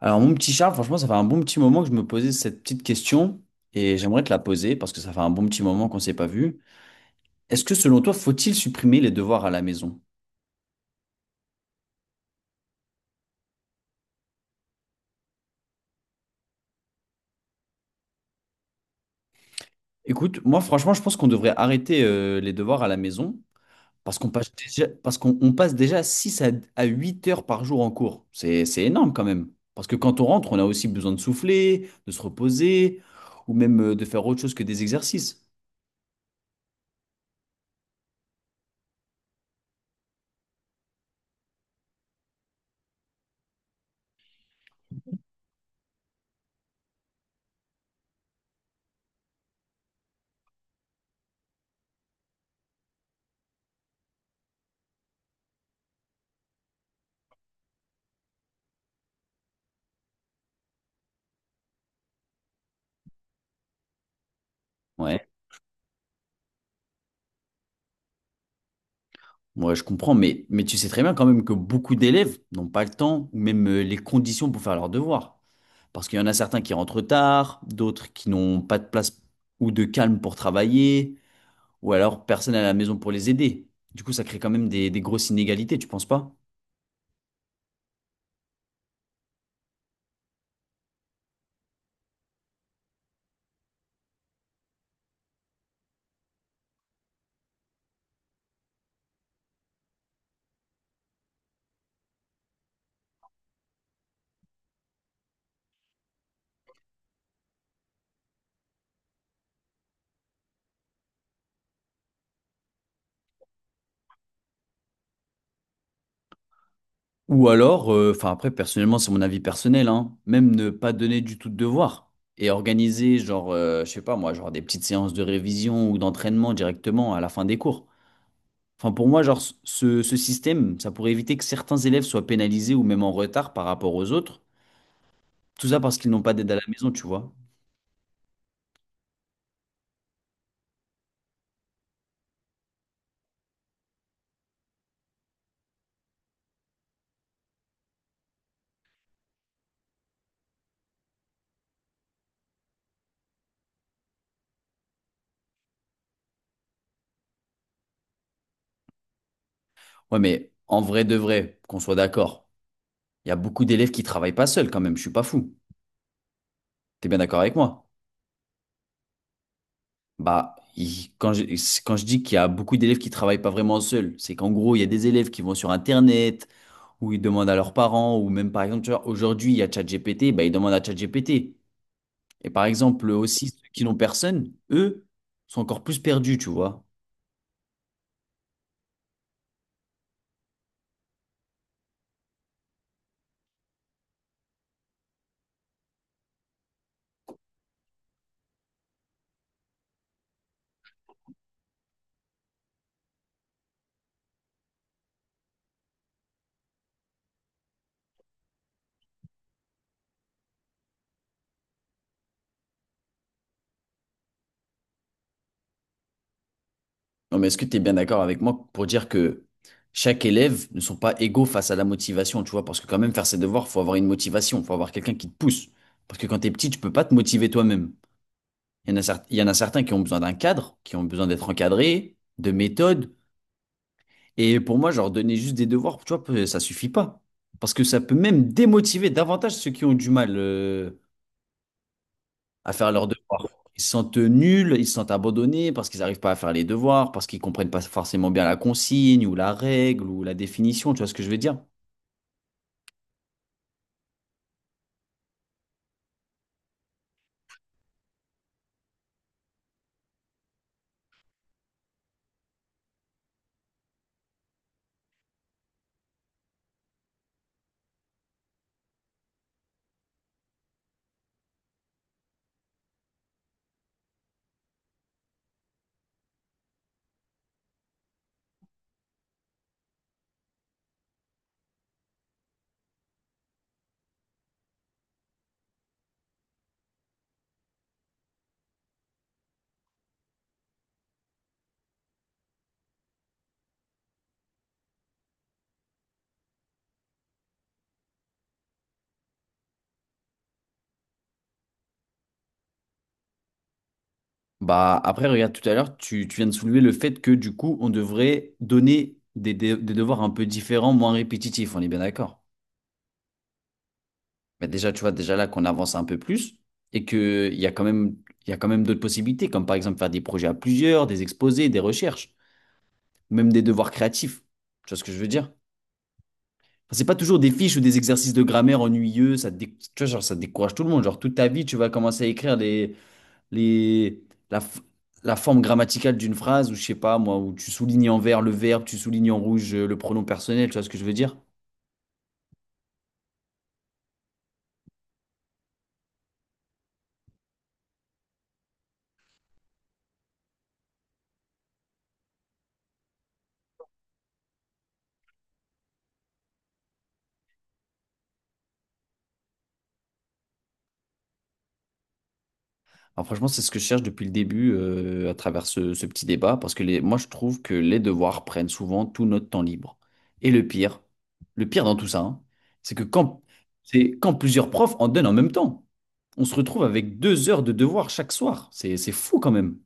Alors mon petit Charles, franchement, ça fait un bon petit moment que je me posais cette petite question et j'aimerais te la poser parce que ça fait un bon petit moment qu'on ne s'est pas vu. Est-ce que selon toi, faut-il supprimer les devoirs à la maison? Écoute, moi franchement, je pense qu'on devrait arrêter les devoirs à la maison parce qu'on passe déjà, parce qu'on on passe déjà 6 à 8 heures par jour en cours. C'est énorme quand même. Parce que quand on rentre, on a aussi besoin de souffler, de se reposer ou même de faire autre chose que des exercices. Ouais. Ouais, je comprends, mais tu sais très bien quand même que beaucoup d'élèves n'ont pas le temps ou même les conditions pour faire leurs devoirs. Parce qu'il y en a certains qui rentrent tard, d'autres qui n'ont pas de place ou de calme pour travailler, ou alors personne à la maison pour les aider. Du coup, ça crée quand même des grosses inégalités, tu penses pas? Ou alors, enfin après, personnellement, c'est mon avis personnel, hein, même ne pas donner du tout de devoirs et organiser, genre, je sais pas moi, genre des petites séances de révision ou d'entraînement directement à la fin des cours. Enfin, pour moi, genre, ce système, ça pourrait éviter que certains élèves soient pénalisés ou même en retard par rapport aux autres. Tout ça parce qu'ils n'ont pas d'aide à la maison, tu vois. Ouais, mais en vrai de vrai, qu'on soit d'accord, il y a beaucoup d'élèves qui travaillent pas seuls quand même, je suis pas fou. T'es bien d'accord avec moi? Bah, quand je, quand je dis qu'il y a beaucoup d'élèves qui travaillent pas vraiment seuls, c'est qu'en gros, il y a des élèves qui vont sur Internet, ou ils demandent à leurs parents, ou même par exemple, tu vois, aujourd'hui, il y a ChatGPT, bah, ils demandent à ChatGPT. Et par exemple, aussi, ceux qui n'ont personne, eux, sont encore plus perdus, tu vois. Non, mais est-ce que tu es bien d'accord avec moi pour dire que chaque élève ne sont pas égaux face à la motivation, tu vois? Parce que quand même, faire ses devoirs, faut avoir une motivation, faut avoir quelqu'un qui te pousse. Parce que quand t'es petit, tu peux pas te motiver toi-même. Il y en a, il y en a certains qui ont besoin d'un cadre, qui ont besoin d'être encadrés, de méthodes. Et pour moi, genre, donner juste des devoirs, tu vois, ça suffit pas. Parce que ça peut même démotiver davantage ceux qui ont du mal. À faire leurs devoirs. Ils se sentent nuls, ils se sentent abandonnés parce qu'ils n'arrivent pas à faire les devoirs, parce qu'ils comprennent pas forcément bien la consigne ou la règle ou la définition, tu vois ce que je veux dire? Bah après, regarde, tout à l'heure, tu viens de soulever le fait que du coup, on devrait donner des devoirs un peu différents, moins répétitifs, on est bien d'accord. Mais déjà, tu vois, déjà là qu'on avance un peu plus et qu'il y a quand même, il y a quand même d'autres possibilités, comme par exemple faire des projets à plusieurs, des exposés, des recherches, même des devoirs créatifs. Tu vois ce que je veux dire? Enfin, c'est pas toujours des fiches ou des exercices de grammaire ennuyeux, tu vois, genre, ça décourage tout le monde. Genre, toute ta vie, tu vas commencer à écrire les, la, f- la forme grammaticale d'une phrase, ou je sais pas moi, où tu soulignes en vert le verbe, tu soulignes en rouge le pronom personnel, tu vois ce que je veux dire? Alors franchement, c'est ce que je cherche depuis le début à travers ce petit débat, parce que les, moi je trouve que les devoirs prennent souvent tout notre temps libre. Et le pire dans tout ça, hein, c'est que quand, c'est quand plusieurs profs en donnent en même temps, on se retrouve avec deux heures de devoirs chaque soir. C'est fou quand même.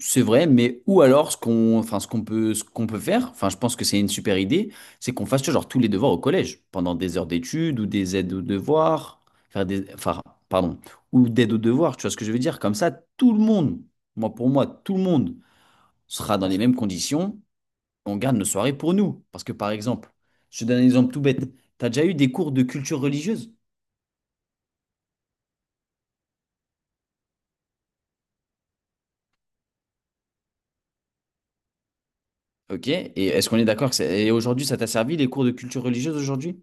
C'est vrai, mais ou alors ce qu'on peut faire, enfin, je pense que c'est une super idée, c'est qu'on fasse tu vois, genre tous les devoirs au collège, pendant des heures d'études ou des aides aux devoirs, faire des, enfin, pardon, ou d'aide aux devoirs, tu vois ce que je veux dire? Comme ça, tout le monde, moi pour moi, tout le monde sera dans les mêmes conditions, on garde nos soirées pour nous. Parce que par exemple, je te donne un exemple tout bête, tu as déjà eu des cours de culture religieuse, ok? Et est-ce qu'on est d'accord et aujourd'hui ça t'a servi les cours de culture religieuse aujourd'hui?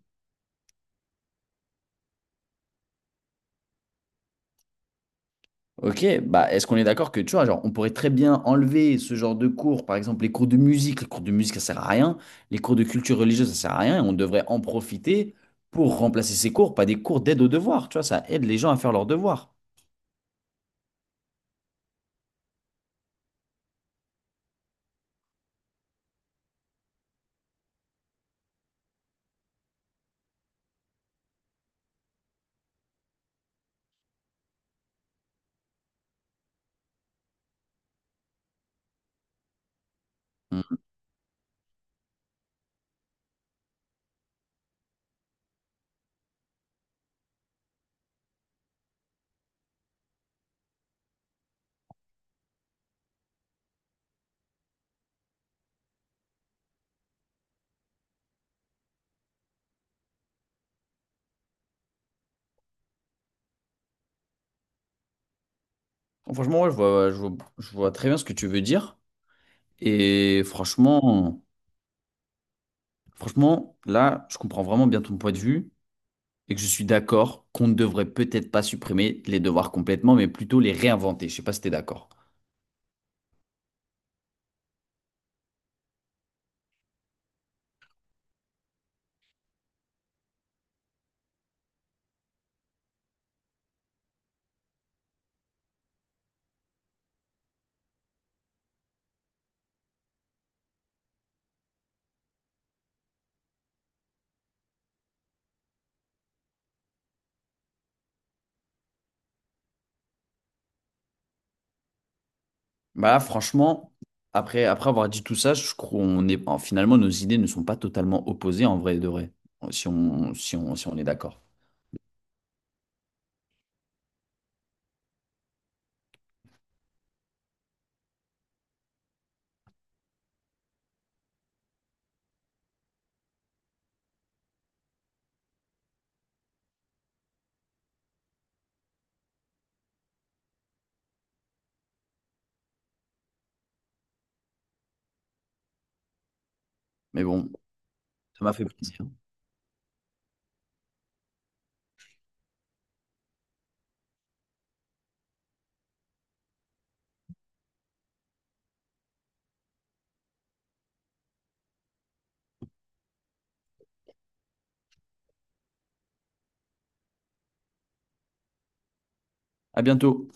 Ok, bah est-ce qu'on est d'accord que tu vois, genre, on pourrait très bien enlever ce genre de cours, par exemple les cours de musique, les cours de musique ça sert à rien, les cours de culture religieuse ça sert à rien, et on devrait en profiter pour remplacer ces cours par des cours d'aide aux devoirs, tu vois, ça aide les gens à faire leurs devoirs. Hmm. Franchement, ouais, je vois très bien ce que tu veux dire, et franchement, franchement, là, je comprends vraiment bien ton point de vue, et que je suis d'accord qu'on ne devrait peut-être pas supprimer les devoirs complètement, mais plutôt les réinventer, je sais pas si t'es d'accord. Bah, franchement, après avoir dit tout ça, je crois qu'on est, finalement, nos idées ne sont pas totalement opposées en vrai de vrai, si on est d'accord. Mais bon, ça m'a fait plaisir. À bientôt.